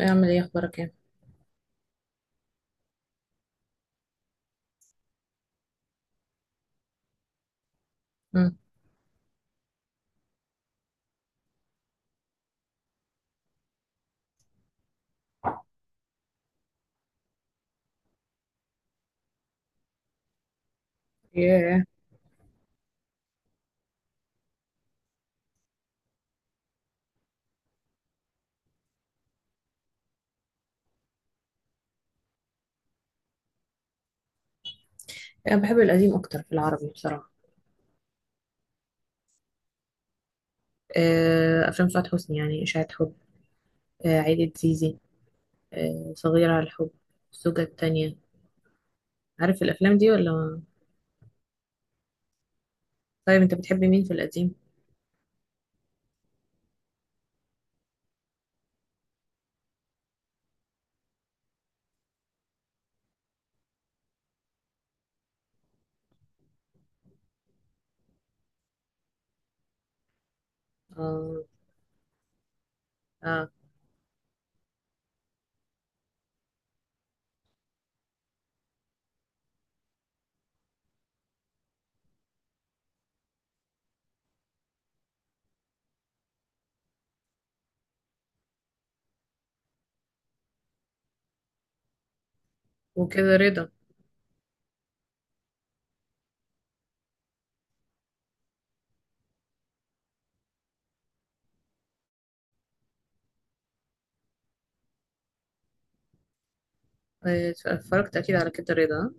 اعمل ايه، اخبارك ايه؟ مم. ياه. انا بحب القديم اكتر في العربي بصراحه. افلام سعاد حسني يعني اشاعه حب. عيله زيزي. صغيره على الحب. الزوجه التانية. عارف الافلام دي ولا؟ طيب انت بتحب مين في القديم؟ اه، اه، وكده رضا. اتفرجت اكيد على كده رضا، آه؟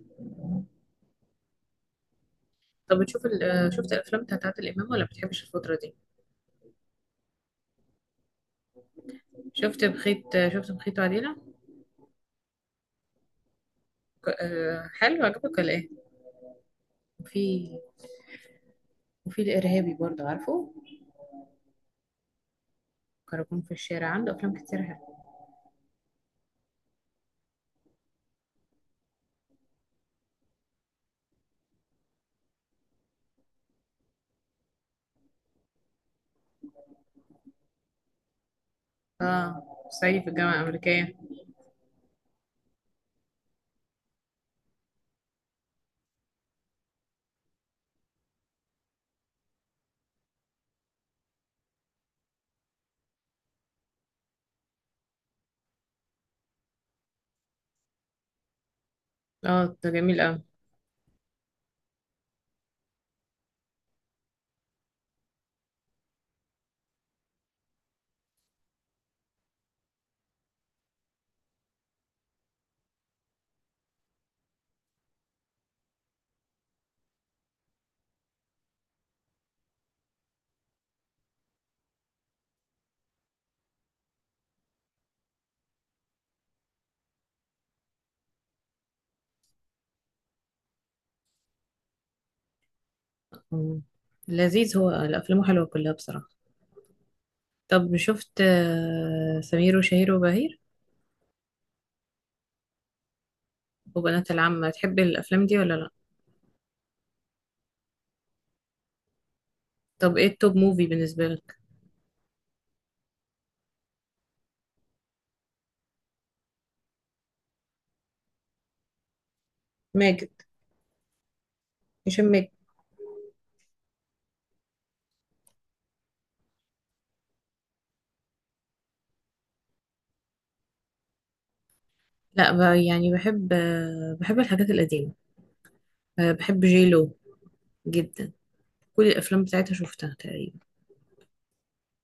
طب بتشوف شفت الافلام بتاعت عادل امام، ولا بتحبش الفتره دي؟ شفت بخيت، شفت بخيت وعديله. حلو، عجبك ولا ايه؟ وفي وفي الارهابي برضه، عارفه. كراكون في الشارع، عنده افلام كتير حلوة. اه، صعيدي في الجامعة الأمريكية. اه، ده جميل أوي. مم. لذيذ، هو الأفلام حلوة كلها بصراحة. طب شفت سمير وشهير وبهير وبنات العم؟ تحب الأفلام دي ولا لأ؟ طب إيه التوب موفي بالنسبة لك؟ ماجد. هشام ماجد. لأ بقى، يعني بحب بحب الحاجات القديمة. بحب جيلو جدا. كل الأفلام بتاعتها شفتها تقريبا.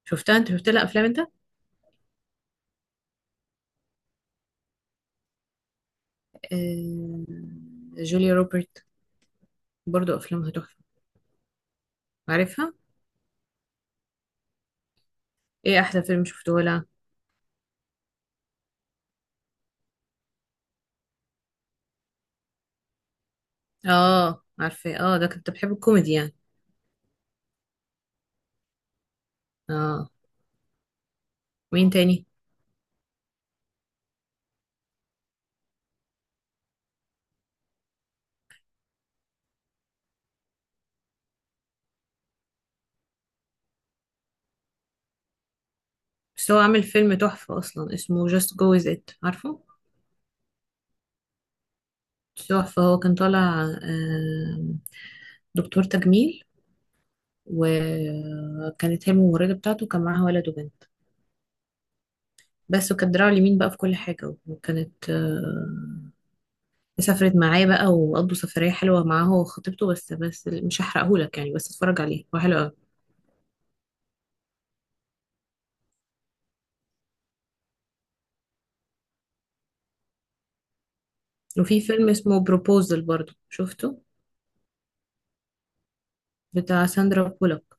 شفتها؟ أنت شفت لها أفلام أنت؟ آه، جوليا روبرت، برضو أفلامها تحفة، عارفها؟ إيه أحلى فيلم شفته لها؟ اه عارفة، اه ده كنت بحب الكوميدي يعني. اه. مين تاني؟ بس هو عامل فيلم تحفة اصلا اسمه Just Go With It، عارفه؟ تحفة. هو كان طالع دكتور تجميل، وكانت هي الممرضة بتاعته، كان معاها ولد وبنت بس. وكانت دراعه اليمين بقى في كل حاجة، وكانت سافرت معاه بقى وقضوا سفرية حلوة معاه هو وخطيبته. بس مش هحرقهولك يعني، بس اتفرج عليه، هو حلو قوي. وفي فيلم اسمه بروبوزل برضه، شفته؟ بتاع ساندرا بولوك،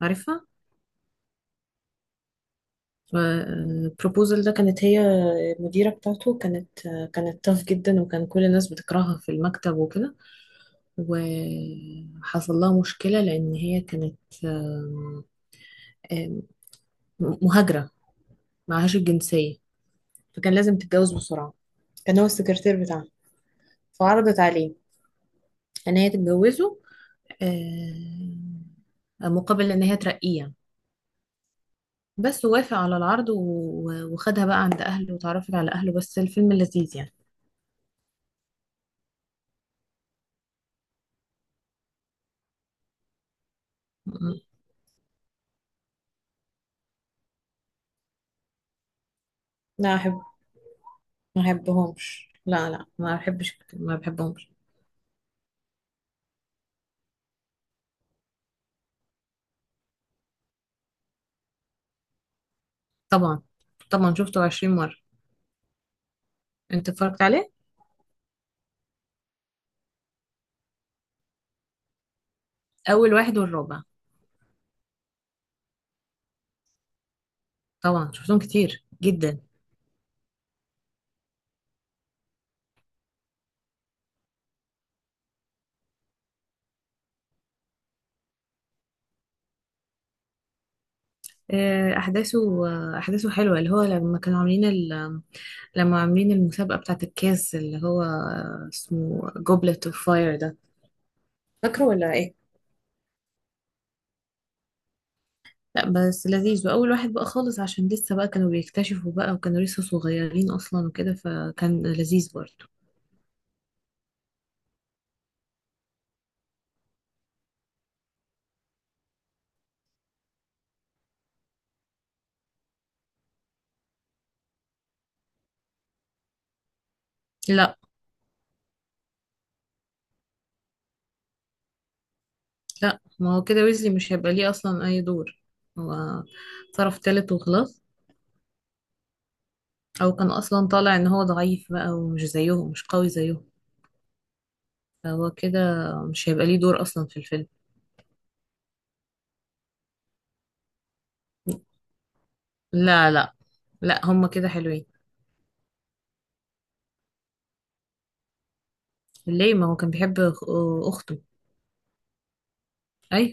عارفها؟ فالبروبوزل ده، كانت هي المديرة بتاعته. كانت تاف جدا، وكان كل الناس بتكرهها في المكتب وكده. وحصل لها مشكلة، لأن هي كانت آم، آم، مهاجرة، معهاش الجنسية. فكان لازم تتجوز بسرعة. كان هو السكرتير بتاعها، فعرضت عليه إن هي تتجوزه، آم، مقابل إن هي ترقيه يعني. بس وافق على العرض وخدها بقى عند أهله وتعرفت على أهله. بس الفيلم لذيذ يعني. م. لا أحب. ما بحبهمش، لا لا، ما بحبش، ما بحبهمش. طبعا، طبعا شفته 20 مرة. انت اتفرجت عليه؟ اول واحد والرابع. طبعا شفتهم كتير جدا. آه، احداثه احداثه حلوة، اللي هو لما كانوا عاملين لما عاملين المسابقة بتاعة الكاس، اللي هو اسمه جوبلت اوف فاير ده، فاكره ولا ايه؟ لا بس لذيذ، واول واحد بقى خالص عشان لسه بقى كانوا بيكتشفوا بقى وكانوا لسه صغيرين اصلا وكده، فكان لذيذ برضه. لا لا، ما هو كده ويزلي مش هيبقى ليه اصلا اي دور. هو طرف تالت وخلاص. او كان اصلا طالع ان هو ضعيف بقى ومش زيهم، مش قوي زيهم. فهو كده مش هيبقى ليه دور اصلا في الفيلم. لا، لا، لا، هما كده حلوين. ليه، ما هو كان بيحب اخته. اي.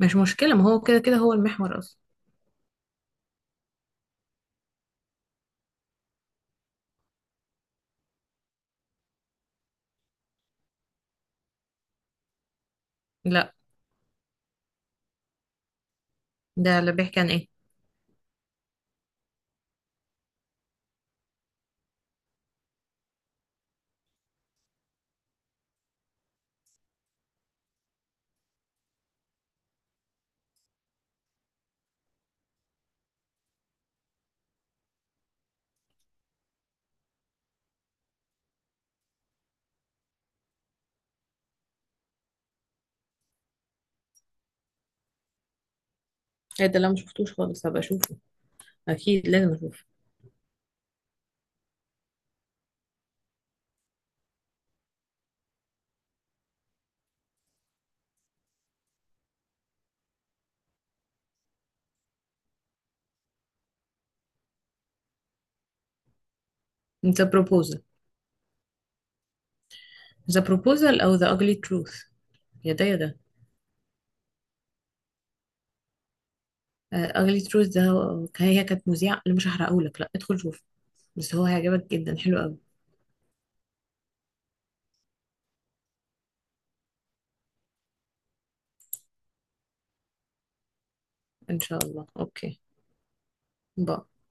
مش مشكلة، ما هو كده كده هو المحور اصلا. لا، ده اللي بيحكي عن ايه؟ ايه ده، لا مش شفتوش خالص، هبقى اشوفه اكيد، لازم اشوفه. The Proposal. The Proposal او The Ugly Truth، يا ده يا ده. اغلي تروز ده، هي كانت مذيعة، اللي مش هحرقهولك، لا ادخل شوف، بس هو هيعجبك جدا، حلو قوي. ان شاء الله. اوكي. باي.